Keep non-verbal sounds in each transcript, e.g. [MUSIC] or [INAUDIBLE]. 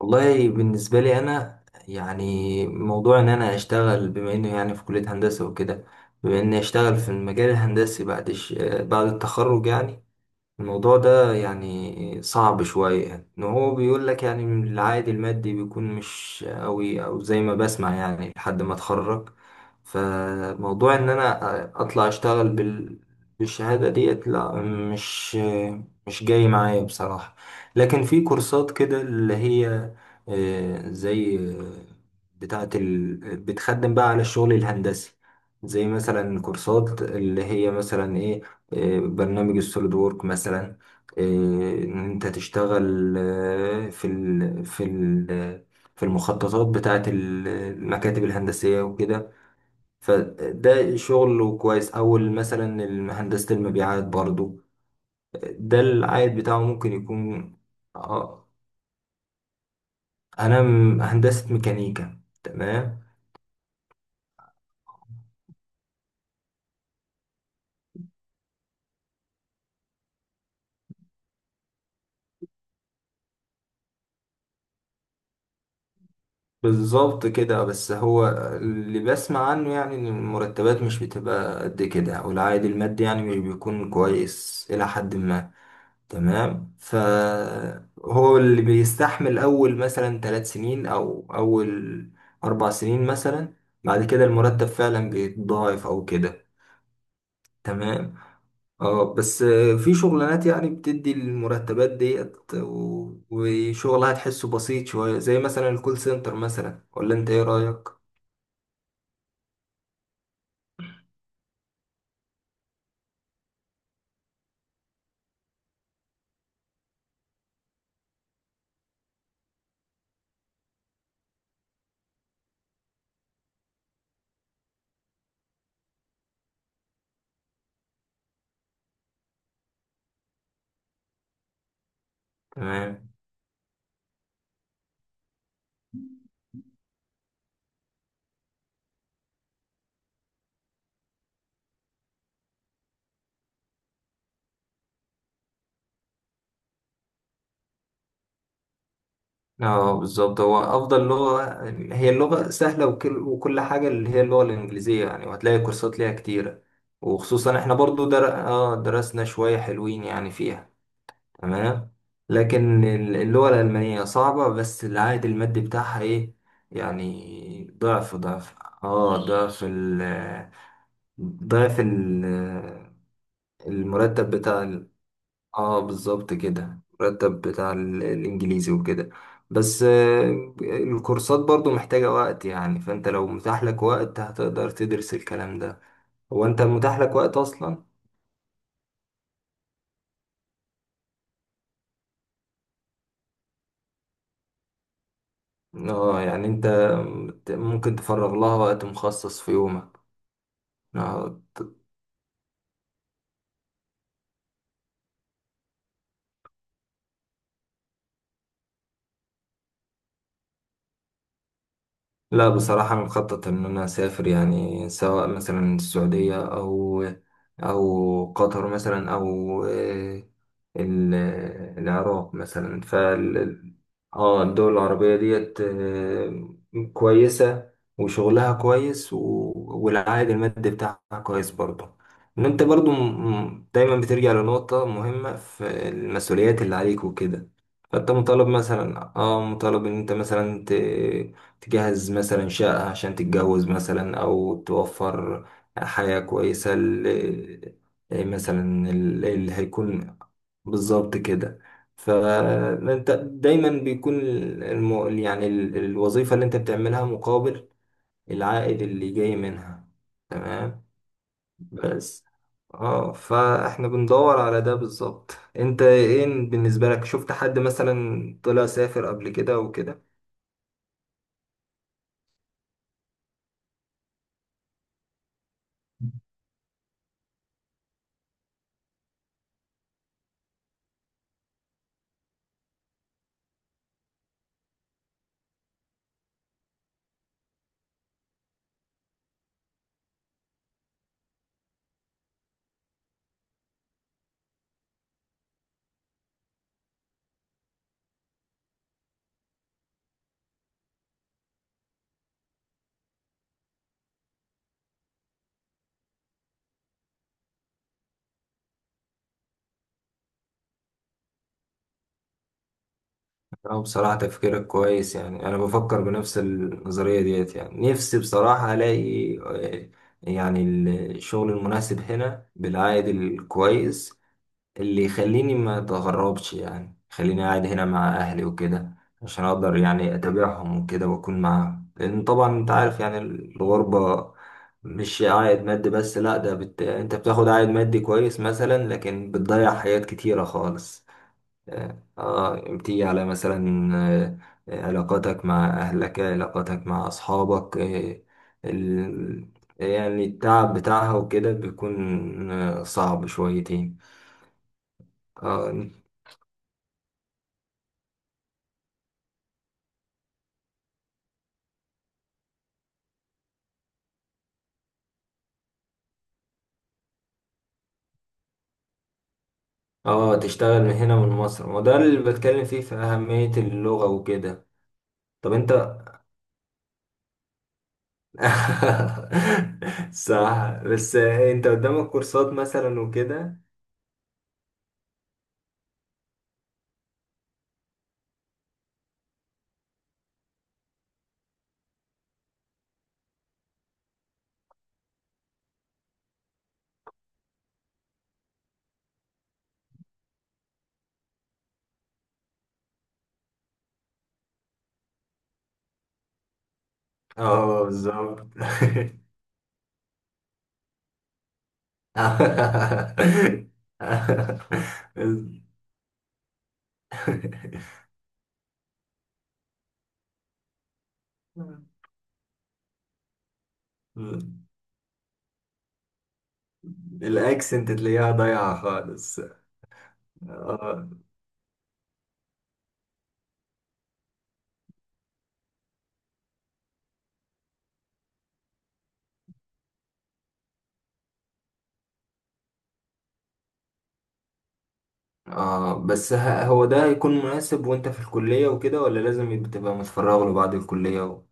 والله بالنسبة لي أنا، يعني موضوع إن أنا أشتغل بما إنه يعني في كلية هندسة وكده، بما إني أشتغل في المجال الهندسي بعد التخرج يعني. الموضوع ده يعني صعب شوية، يعني ان هو بيقول لك يعني العائد المادي بيكون مش قوي او زي ما بسمع يعني لحد ما اتخرج. فموضوع ان انا اطلع اشتغل بالشهادة ديت لا، مش جاي معايا بصراحة. لكن في كورسات كده اللي هي زي بتخدم بقى على الشغل الهندسي، زي مثلا كورسات اللي هي مثلا برنامج السوليد وورك مثلا. آه، ان انت تشتغل في المخططات بتاعه المكاتب الهندسيه وكده. فده شغل كويس او مثلا هندسه المبيعات برضو. ده العائد بتاعه ممكن يكون. آه، انا هندسه ميكانيكا تمام. بالظبط كده، بس هو اللي بسمع عنه يعني ان المرتبات مش بتبقى قد كده او العائد المادي يعني مش بيكون كويس الى حد ما. تمام، فهو اللي بيستحمل اول مثلا 3 سنين او اول 4 سنين مثلا، بعد كده المرتب فعلا بيتضاعف او كده تمام. اه بس في شغلانات يعني بتدي المرتبات ديت وشغلها تحسه بسيط شوية، زي مثلا الكول سنتر مثلا، ولا انت ايه رأيك؟ تمام. اه بالظبط، هو افضل لغه هي اللغه سهله، وكل حاجه اللي هي اللغه الانجليزيه يعني، وهتلاقي كورسات ليها كتيره، وخصوصا احنا برضو در... اه درسنا شويه حلوين يعني فيها تمام. لكن اللغه الالمانيه صعبه، بس العائد المادي بتاعها ايه يعني؟ اه ضعف ال ضعف المرتب بتاع. اه بالظبط كده، مرتب بتاع الانجليزي وكده. بس الكورسات برضو محتاجة وقت، يعني فانت لو متاح لك وقت هتقدر تدرس الكلام ده. هو انت متاح لك وقت اصلا؟ اه يعني انت ممكن تفرغ لها وقت مخصص في يومك. آه. لا بصراحة انا مخطط ان انا اسافر، يعني سواء مثلا السعودية او قطر مثلا او آه، ال- العراق مثلا. اه الدول العربية ديت كويسة، وشغلها كويس والعائد المادي بتاعها كويس برضه. ان انت برضه دايما بترجع لنقطة مهمة في المسؤوليات اللي عليك وكده. فانت مطالب مثلا اه مطالب ان انت مثلا تجهز مثلا شقة عشان تتجوز مثلا، او توفر حياة كويسة مثلا اللي هيكون. بالظبط كده، فانت دايما بيكون يعني الوظيفة اللي انت بتعملها مقابل العائد اللي جاي منها تمام. بس اه فاحنا بندور على ده بالظبط. انت ايه بالنسبة لك؟ شفت حد مثلا طلع سافر قبل كده وكده؟ اه بصراحة تفكيرك كويس، يعني انا بفكر بنفس النظرية ديت. يعني نفسي بصراحة الاقي يعني الشغل المناسب هنا بالعائد الكويس، اللي يخليني ما اتغربش، يعني خليني قاعد هنا مع اهلي وكده، عشان اقدر يعني اتابعهم وكده واكون معاهم، لان طبعا انت عارف يعني الغربة مش عائد مادي بس لا، ده انت بتاخد عائد مادي كويس مثلا، لكن بتضيع حاجات كتيرة خالص. اه بتيجي على مثلا علاقاتك مع اهلك، علاقاتك مع اصحابك، ال... يعني التعب بتاعها وكده بيكون صعب شويتين. آه، اه تشتغل من هنا من مصر، ما هو ده اللي بتكلم فيه في أهمية اللغة وكده. طب انت [LAUGHS] صح، بس انت قدامك كورسات مثلا وكده. اه بالظبط [LAUGHS] الاكسنت تلاقيها ضايعة خالص. اه. اه بس هو ده هيكون مناسب وانت في الكلية وكده، ولا لازم تبقى متفرغ له بعد الكلية و...؟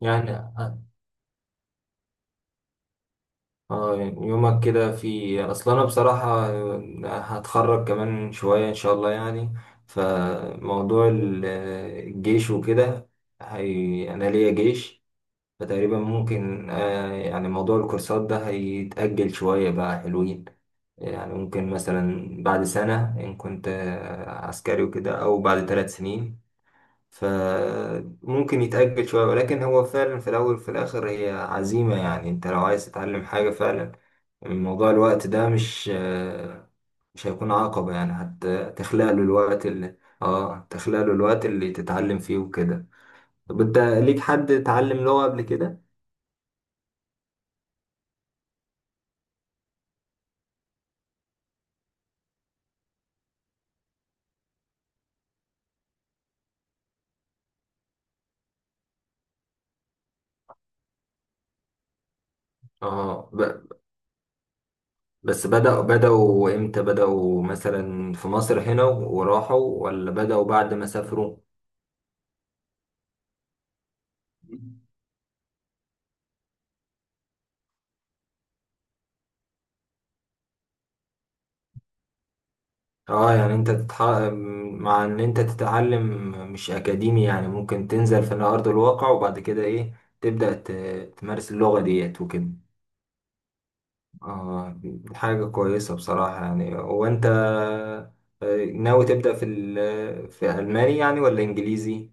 يعني اه يعني يومك كده في اصلا. انا بصراحة هتخرج كمان شوية ان شاء الله يعني، فموضوع الجيش وكده، هي انا ليا جيش، فتقريبا ممكن يعني موضوع الكورسات ده هيتأجل شوية بقى حلوين. يعني ممكن مثلا بعد سنة ان كنت عسكري وكده، او بعد 3 سنين، فممكن يتأجل شوية. ولكن هو فعلا في الأول وفي الآخر هي عزيمة، يعني أنت لو عايز تتعلم حاجة فعلا موضوع الوقت ده مش هيكون عقبة، يعني حتى تخلق له الوقت اللي تتعلم فيه وكده. طب انت ليك حد اتعلم لغة قبل كده؟ اه بس بدأوا امتى؟ بدأوا مثلا في مصر هنا وراحوا، ولا بدأوا بعد ما سافروا؟ اه يعني انت مع ان انت تتعلم مش اكاديمي يعني، ممكن تنزل في ارض الواقع، وبعد كده ايه تبدأ تمارس اللغة ديت وكده. اه حاجة كويسة بصراحة يعني. وانت ناوي تبدأ في في ألماني يعني ولا إنجليزي؟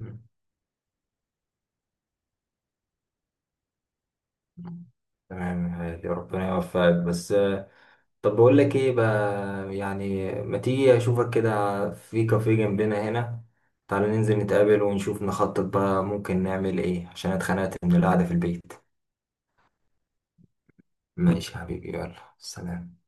مم. تمام هادي، ربنا يوفقك. بس طب بقول لك ايه بقى؟ يعني ما تيجي اشوفك كده في كافيه جنبنا هنا، تعالى ننزل نتقابل ونشوف نخطط بقى ممكن نعمل ايه، عشان اتخنقت من القعدة في البيت. ماشي يا حبيبي، يلا سلام